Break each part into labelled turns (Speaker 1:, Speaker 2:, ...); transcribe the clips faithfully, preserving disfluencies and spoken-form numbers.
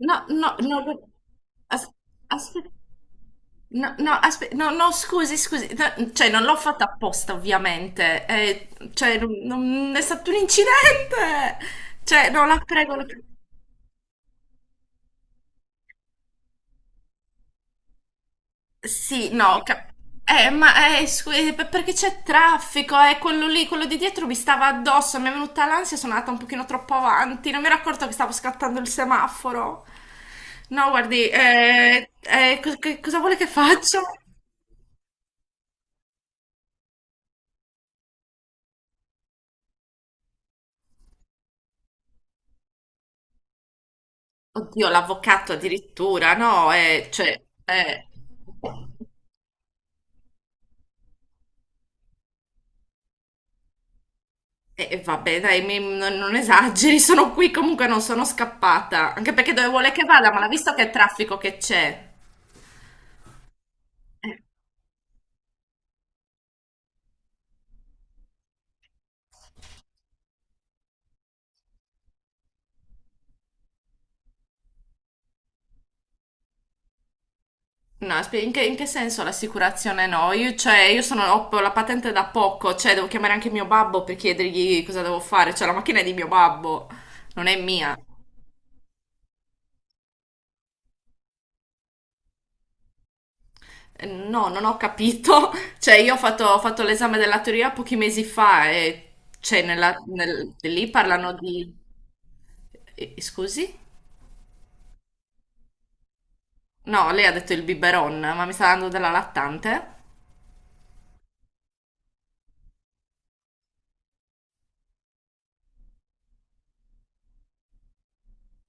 Speaker 1: No, no, no, no, as- aspe- no, no, aspe- no, no, scusi, scusi, no, cioè non l'ho fatta apposta ovviamente, eh, cioè non, non- è stato un incidente, cioè no, la prego, la prego. Sì, no, cap- eh, ma eh, scusi, per- perché c'è traffico, eh, quello lì, quello di dietro mi stava addosso, mi è venuta l'ansia, sono andata un pochino troppo avanti, non mi ero accorto che stavo scattando il semaforo. No, guardi, eh, eh, cos- che- cosa vuole che faccia? Oddio, l'avvocato addirittura, no, eh, cioè, eh, eh, vabbè, dai, mi- non, non esageri, sono qui, comunque non sono scappata, anche perché dove vuole che vada, ma l'ha visto che traffico che c'è? Eh, No, spe- in che, in che senso l'assicurazione no? Io, cioè, io sono, ho la patente da poco, cioè, devo chiamare anche mio babbo per chiedergli cosa devo fare, cioè, la macchina è di mio babbo, non è mia. No, non ho capito. Cioè, io ho fatto, ho fatto l'esame della teoria pochi mesi fa e cioè, nella- nel- lì parlano di... eh, eh, Scusi? No, lei ha detto il biberon, ma mi sta dando della lattante?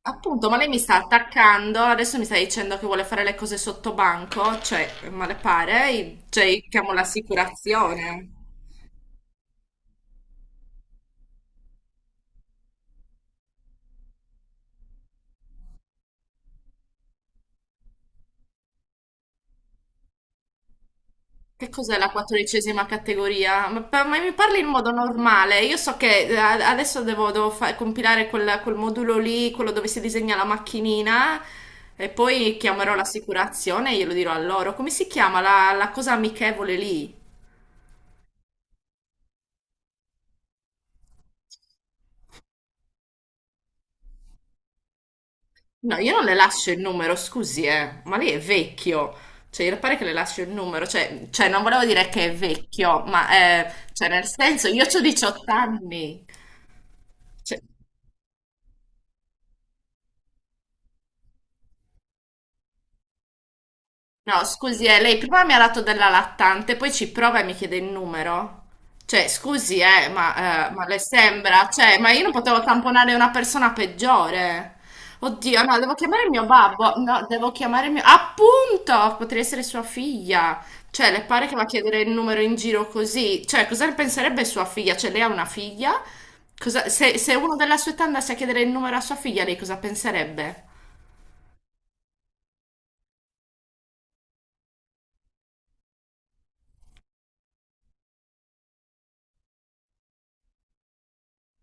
Speaker 1: Appunto, ma lei mi sta attaccando, adesso mi sta dicendo che vuole fare le cose sotto banco, cioè, ma le pare? Cioè, io chiamo l'assicurazione. Che cos'è la quattordicesima categoria? Ma, pa- ma mi parli in modo normale? Io so che eh, a- adesso devo, devo fa- compilare quel, quel modulo lì, quello dove si disegna la macchinina, e poi chiamerò l'assicurazione e glielo dirò a loro. Come si chiama la, la cosa amichevole lì? No, io non le lascio il numero, scusi, eh, ma lei è vecchio. Cioè, io pare che le lascio il numero, cioè, cioè, non volevo dire che è vecchio, ma eh, cioè, nel senso, io ho diciotto anni. Cioè, no, scusi, eh, lei prima mi ha dato della lattante, poi ci prova e mi chiede il numero. Cioè, scusi, eh, ma, eh, ma le sembra? Cioè, ma io non potevo tamponare una persona peggiore. Oddio, no, devo chiamare il mio babbo. No, devo chiamare il mio... Appunto! Potrei essere sua figlia. Cioè, le pare che va a chiedere il numero in giro così? Cioè, cosa ne penserebbe sua figlia? Cioè, lei ha una figlia? Cosa- Se, se uno della sua età andasse a chiedere il numero a sua figlia, lei cosa penserebbe?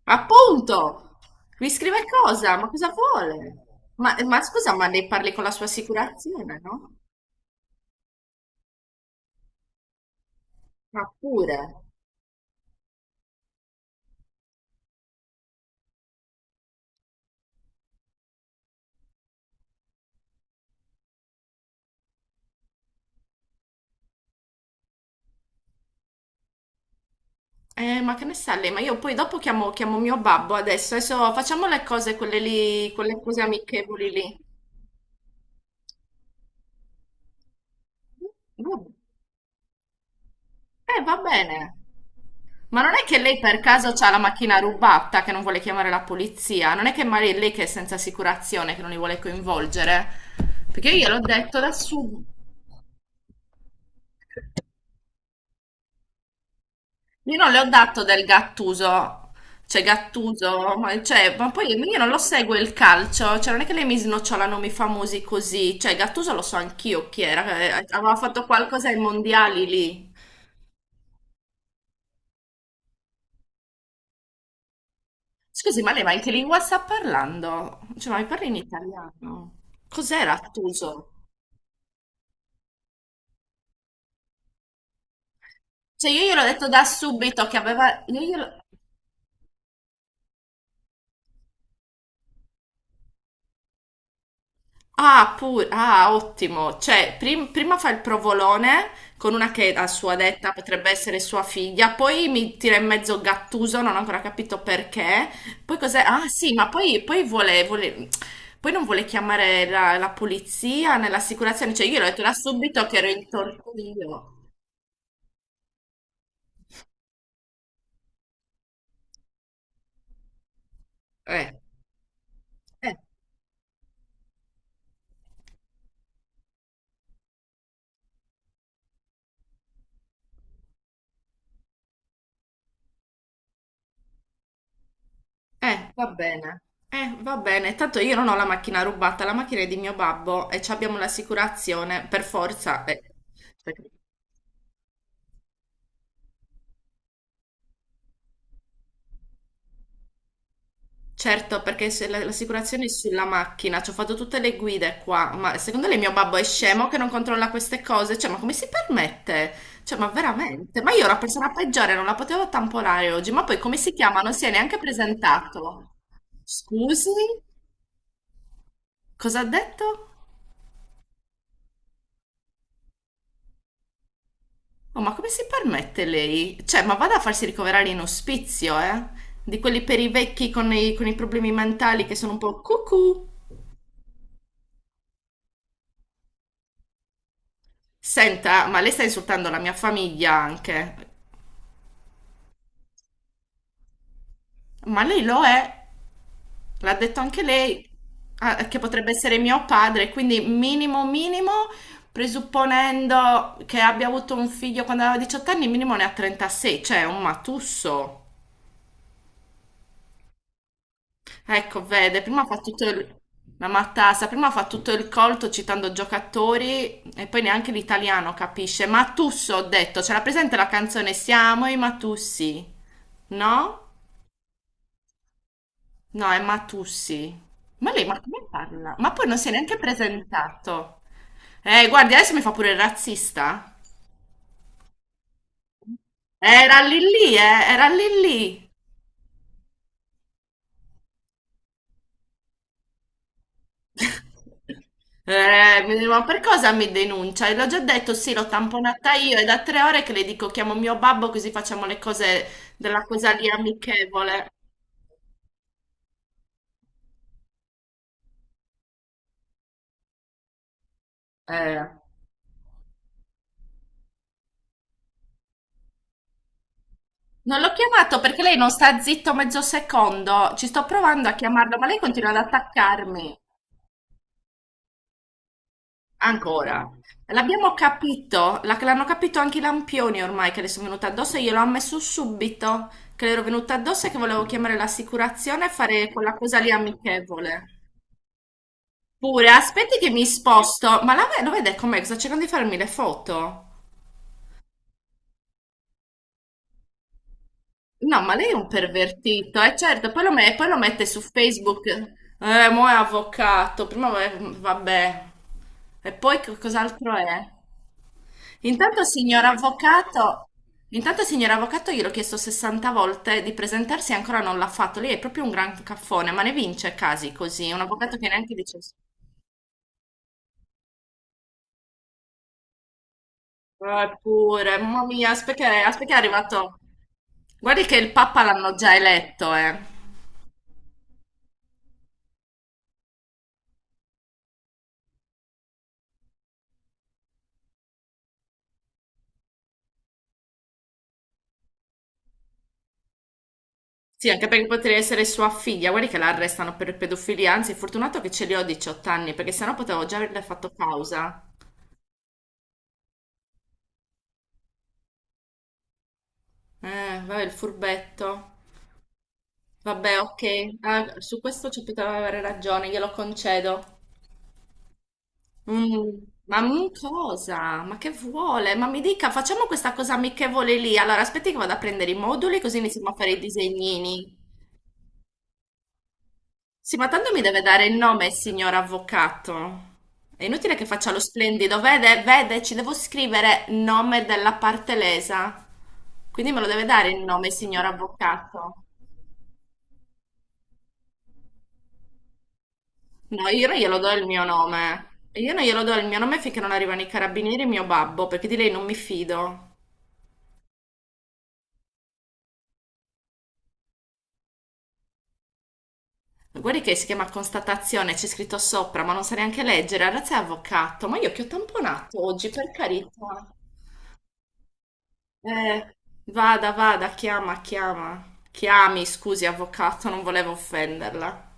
Speaker 1: Appunto! Mi scrive cosa? Ma cosa vuole? Ma, ma scusa, ma ne parli con la sua assicurazione, no? Ma pure. Eh, ma che ne sa lei? Ma io poi dopo chiamo, chiamo mio babbo adesso. Adesso facciamo le cose, quelle lì, quelle cose amichevoli lì. Vabbè. Eh, va bene. Ma non è che lei per caso ha la macchina rubata che non vuole chiamare la polizia? Non è che magari è lei che è senza assicurazione, che non li vuole coinvolgere? Perché io gliel'ho detto da subito. Io non le ho dato del Gattuso, cioè Gattuso, ma, cioè, ma poi io non lo seguo il calcio, cioè non è che lei mi snocciolano i famosi così, cioè Gattuso lo so anch'io chi era, eh, aveva fatto qualcosa ai mondiali lì. Scusi, ma lei ma in che lingua sta parlando? Cioè, ma mi parli in italiano? Cos'era Gattuso? Cioè io gliel'ho detto da subito che aveva... Io glielo- Ah, pure, ah, ottimo. Cioè, prim- prima fa il provolone con una che a sua detta potrebbe essere sua figlia, poi mi tira in mezzo Gattuso, non ho ancora capito perché. Poi cos'è? Ah, sì, ma poi, poi vuole, vuole- poi non vuole chiamare la, la polizia né l'assicurazione. Cioè, io l'ho detto da subito che ero in torto io. Eh, eh, eh, va bene. Eh, va bene, tanto io non ho la macchina rubata, la macchina è di mio babbo e ci abbiamo l'assicurazione, per forza. eh. Certo, perché se la- l'assicurazione è sulla macchina, ci ho fatto tutte le guide qua, ma secondo lei mio babbo è scemo che non controlla queste cose? Cioè, ma come si permette? Cioè, ma veramente? Ma io ero la persona peggiore, non la potevo tamponare oggi, ma poi come si chiama? Non si è neanche presentato. Scusi? Cosa ha detto? Oh, ma come si permette lei? Cioè, ma vada a farsi ricoverare in ospizio, eh? Di quelli per i vecchi con i, con i problemi mentali che sono un po' cucù. Senta, ma lei sta insultando la mia famiglia anche. Ma lei lo è, l'ha detto anche lei, ah, che potrebbe essere mio padre, quindi minimo minimo, presupponendo che abbia avuto un figlio quando aveva diciotto anni, minimo ne ha trentasei, cioè è un matusso. Ecco, vede, prima fa tutto il... La matassa, prima fa tutto il colto citando giocatori e poi neanche l'italiano capisce. Matusso, ho detto, c'era presente la canzone Siamo i Matussi, no? No, è Matussi. Ma lei, ma come parla? Ma poi non si è neanche presentato. Eh, guardi, adesso mi fa pure il razzista. Era lì lì, eh, era lì lì. Eh, mi dice, ma per cosa mi denuncia? E l'ho già detto, sì, l'ho tamponata io. È da tre ore che le dico, chiamo mio babbo così facciamo le cose della cosa lì amichevole. Eh. Non l'ho chiamato perché lei non sta zitto mezzo secondo. Ci sto provando a chiamarlo, ma lei continua ad attaccarmi. Ancora. L'abbiamo capito, la- l'hanno capito anche i lampioni ormai che le sono venute addosso e glielo ho ammesso subito che le ero venuta addosso e che volevo chiamare l'assicurazione e fare quella cosa lì amichevole. Pure, aspetti che mi sposto, ma la ve- lo vede com'è? Sta cercando di farmi le foto. No, ma lei è un pervertito, eh certo, poi lo, me- poi lo mette su Facebook. Eh, mo' è avvocato, prima va- vabbè. E poi che cos'altro è? Intanto, signor avvocato, intanto, signor avvocato, gliel'ho chiesto sessanta volte di presentarsi e ancora non l'ha fatto. Lei è proprio un gran caffone, ma ne vince casi così. Un avvocato che neanche dice... "Ah, eppure, mamma mia, aspetta che, aspetta che è arrivato... Guardi che il Papa l'hanno già eletto, eh. Sì, anche perché potrebbe essere sua figlia. Guardi che la arrestano per pedofilia. Anzi, fortunato che ce li ho diciotto anni, perché sennò potevo già averle fatto causa. Eh, vabbè, il furbetto. Vabbè, ok, ah, su questo ci poteva avere ragione, glielo concedo. Mm, ma mm, cosa? Ma che vuole? Ma mi dica, facciamo questa cosa amichevole lì. Allora, aspetti che vado a prendere i moduli così iniziamo a fare i disegnini. Sì, ma tanto mi deve dare il nome, signor avvocato. È inutile che faccia lo splendido. Vede, vede, ci devo scrivere nome della parte lesa. Quindi me lo deve dare il nome, signor avvocato. No, io non glielo do il mio nome. Io non glielo do il mio nome finché non arrivano i carabinieri e mio babbo, perché di lei non mi fido. Guardi che si chiama constatazione, c'è scritto sopra, ma non sa neanche leggere. Ragazzi, è avvocato. Ma io che ho tamponato oggi, per carità. Eh, vada, vada, chiama, chiama. Chiami, scusi, avvocato, non volevo offenderla.